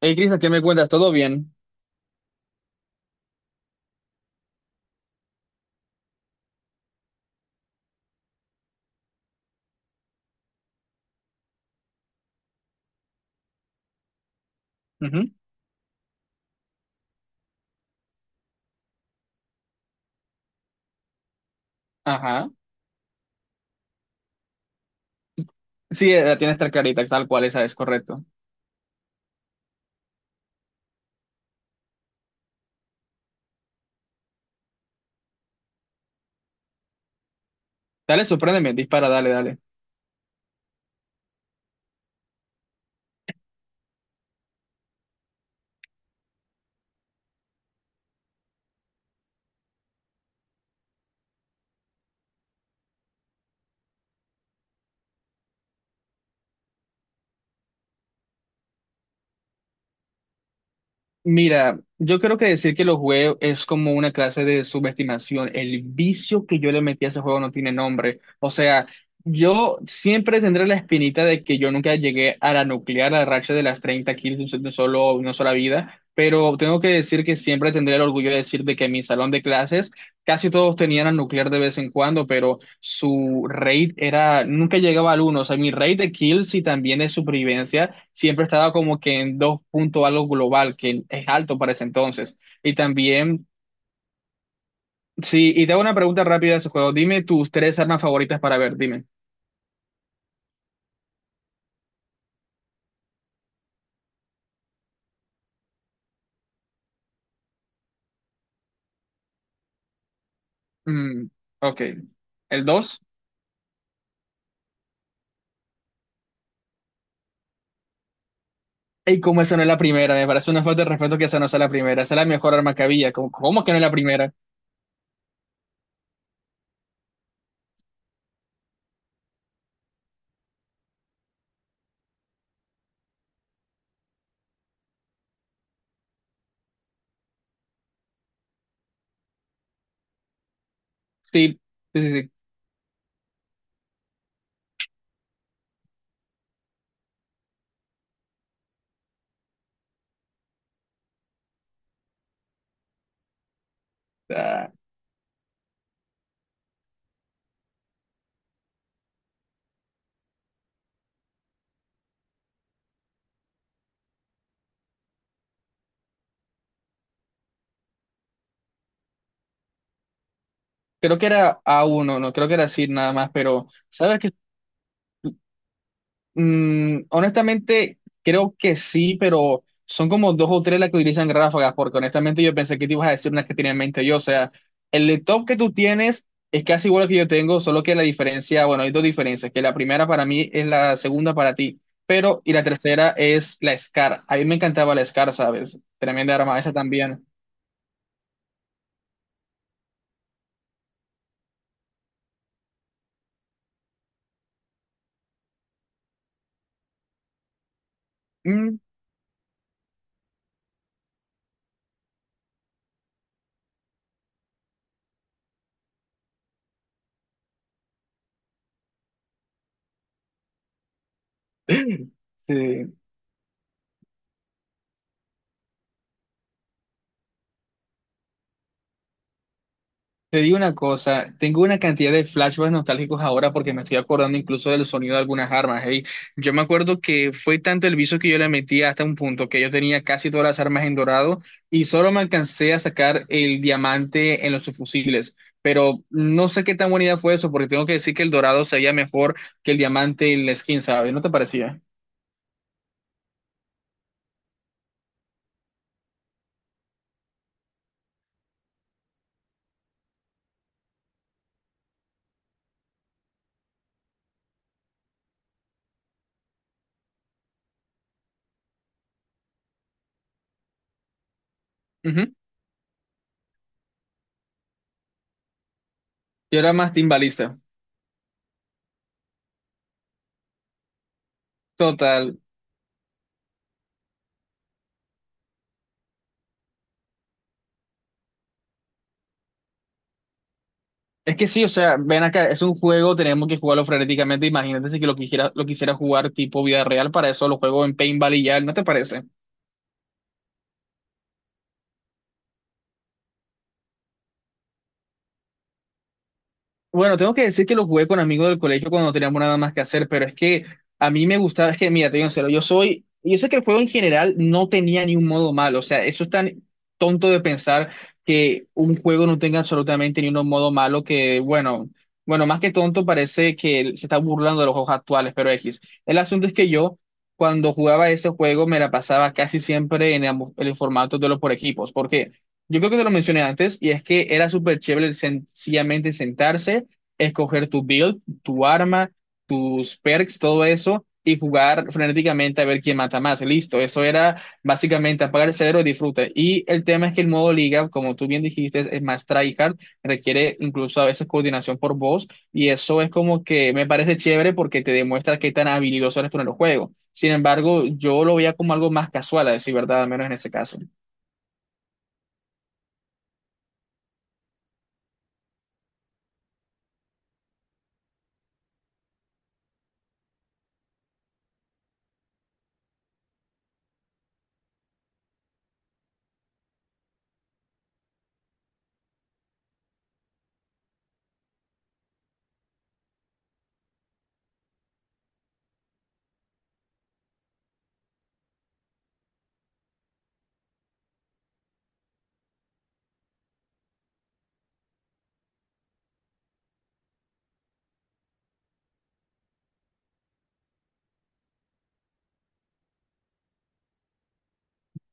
Hey, Cris, ¿qué me cuentas? ¿Todo bien? Ujú. Ajá. Sí, tienes tres clarita tal cual, esa es correcto. Dale, sorpréndeme, dispara, dale, dale. Mira, yo creo que decir que lo jugué es como una clase de subestimación. El vicio que yo le metí a ese juego no tiene nombre. O sea, yo siempre tendré la espinita de que yo nunca llegué a la nuclear, a la racha de las 30 kills de un solo, una sola vida, pero tengo que decir que siempre tendré el orgullo de decir de que en mi salón de clases casi todos tenían al nuclear de vez en cuando, pero su rate era, nunca llegaba al uno. O sea, mi rate de kills y también de supervivencia siempre estaba como que en 2 punto algo global, que es alto para ese entonces. Y también, sí, y te hago una pregunta rápida de ese juego. Dime tus tres armas favoritas para ver, dime. Mm, ok. ¿El dos? Y como esa no es la primera, me parece una falta de respeto que esa no sea la primera. Esa es la mejor arma que había. ¿Cómo, cómo que no es la primera? Sí, sí, sí, sí. Ah. Creo que era a uno, no creo que era así nada más, pero sabes que honestamente creo que sí, pero son como dos o tres las que utilizan ráfagas, porque honestamente yo pensé que te ibas a decir unas que tenía en mente yo, o sea, el laptop que tú tienes es casi igual al que yo tengo, solo que la diferencia, bueno, hay dos diferencias, que la primera para mí es la segunda para ti, pero y la tercera es la SCAR. A mí me encantaba la SCAR, ¿sabes? Tremenda arma esa también. Mm, sí. Te digo una cosa, tengo una cantidad de flashbacks nostálgicos ahora porque me estoy acordando incluso del sonido de algunas armas. Hey, yo me acuerdo que fue tanto el vicio que yo le metí hasta un punto que yo tenía casi todas las armas en dorado y solo me alcancé a sacar el diamante en los subfusiles. Pero no sé qué tan buena idea fue eso porque tengo que decir que el dorado se veía mejor que el diamante en la skin, ¿sabes? ¿No te parecía? Ujú. Yo era más timbalista. Total. Es que sí, o sea, ven acá, es un juego, tenemos que jugarlo frenéticamente. Imagínate si que lo quisiera jugar tipo vida real, para eso lo juego en Paintball y ya, ¿no te parece? Bueno, tengo que decir que lo jugué con amigos del colegio cuando no teníamos nada más que hacer, pero es que a mí me gustaba, es que mira, te digo en serio, yo soy, yo sé que el juego en general no tenía ni un modo malo, o sea, eso es tan tonto de pensar que un juego no tenga absolutamente ni un modo malo que, bueno, más que tonto parece que se está burlando de los juegos actuales, pero X. El asunto es que yo, cuando jugaba ese juego, me la pasaba casi siempre en en el formato de los por equipos, porque... Yo creo que te lo mencioné antes, y es que era súper chévere sencillamente sentarse, escoger tu build, tu arma, tus perks, todo eso, y jugar frenéticamente a ver quién mata más. Listo, eso era básicamente apagar el cerebro y disfruta. Y el tema es que el modo liga, como tú bien dijiste, es más tryhard, requiere incluso a veces coordinación por voz, y eso es como que me parece chévere porque te demuestra qué tan habilidoso eres tú en el juego. Sin embargo, yo lo veía como algo más casual, a decir verdad, al menos en ese caso.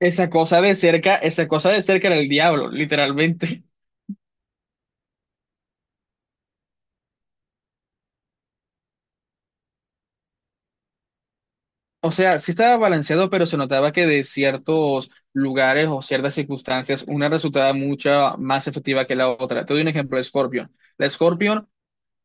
Esa cosa de cerca, esa cosa de cerca era el diablo, literalmente. O sea, sí estaba balanceado, pero se notaba que de ciertos lugares o ciertas circunstancias, una resultaba mucho más efectiva que la otra. Te doy un ejemplo, la Scorpion. La Scorpion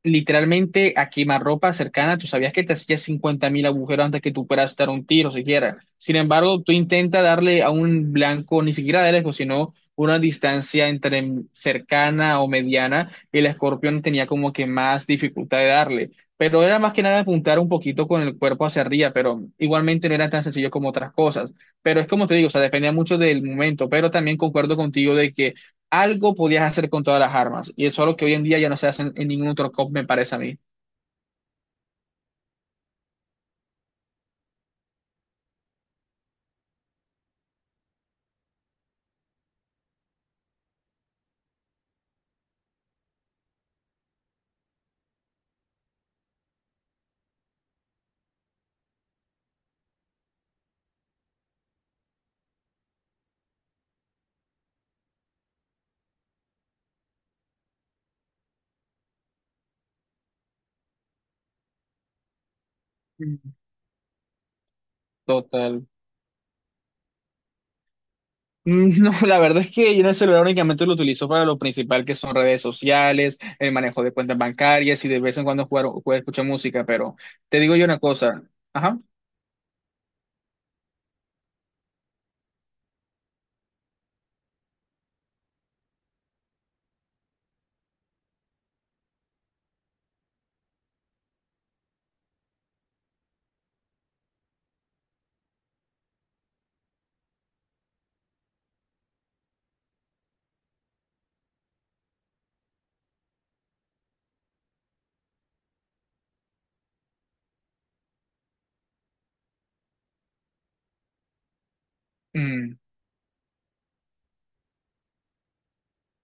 literalmente a quemarropa cercana, tú sabías que te hacías 50 mil agujeros antes que tú puedas dar un tiro siquiera. Sin embargo, tú intenta darle a un blanco, ni siquiera de lejos, sino una distancia entre cercana o mediana, y el escorpión tenía como que más dificultad de darle. Pero era más que nada apuntar un poquito con el cuerpo hacia arriba, pero igualmente no era tan sencillo como otras cosas. Pero es como te digo, o sea, dependía mucho del momento, pero también concuerdo contigo de que algo podías hacer con todas las armas. Y eso es lo que hoy en día ya no se hace en ningún otro COP, me parece a mí. Mm. Total. Mm, no, la verdad es que yo en el celular únicamente lo utilizo para lo principal que son redes sociales, el manejo de cuentas bancarias y de vez en cuando jugar, escuchar música, pero te digo yo una cosa. Ajá. Mm.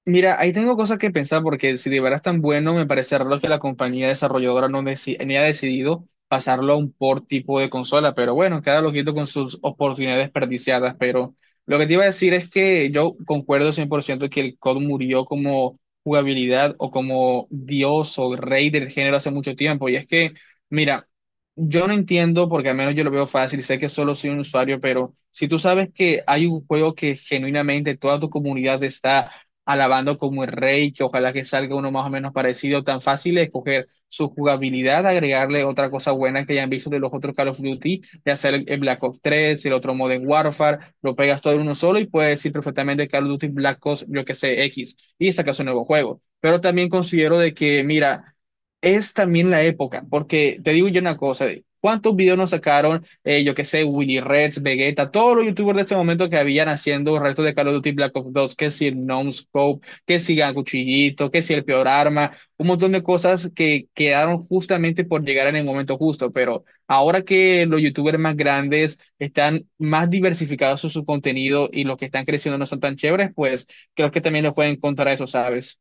Mira, ahí tengo cosas que pensar porque si de verdad es tan bueno, me parece raro que la compañía desarrolladora no, ni ha decidido pasarlo a un port tipo de consola, pero bueno, cada loquito con sus oportunidades desperdiciadas, pero lo que te iba a decir es que yo concuerdo 100% que el COD murió como jugabilidad o como dios o rey del género hace mucho tiempo, y es que, mira, yo no entiendo porque al menos yo lo veo fácil, sé que solo soy un usuario, pero si tú sabes que hay un juego que genuinamente toda tu comunidad está alabando como el rey, que ojalá que salga uno más o menos parecido, tan fácil es escoger su jugabilidad, agregarle otra cosa buena que hayan visto de los otros Call of Duty, de hacer el Black Ops 3, el otro Modern Warfare, lo pegas todo en uno solo y puedes decir perfectamente Call of Duty Black Ops, yo que sé, X, y sacas un nuevo juego. Pero también considero de que, mira, es también la época, porque te digo yo una cosa, ¿cuántos videos nos sacaron? Yo qué sé, Willy Reds, Vegeta, todos los youtubers de ese momento que habían haciendo restos de Call of Duty Black Ops dos, que si el Scope, que si el Cuchillito, que si el Peor Arma, un montón de cosas que quedaron justamente por llegar en el momento justo, pero ahora que los youtubers más grandes están más diversificados en su contenido y los que están creciendo no son tan chéveres, pues creo que también lo pueden encontrar a eso, ¿sabes?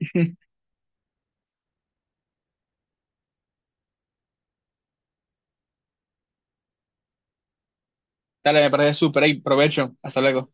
Dale, me parece súper, ahí, provecho, hasta luego.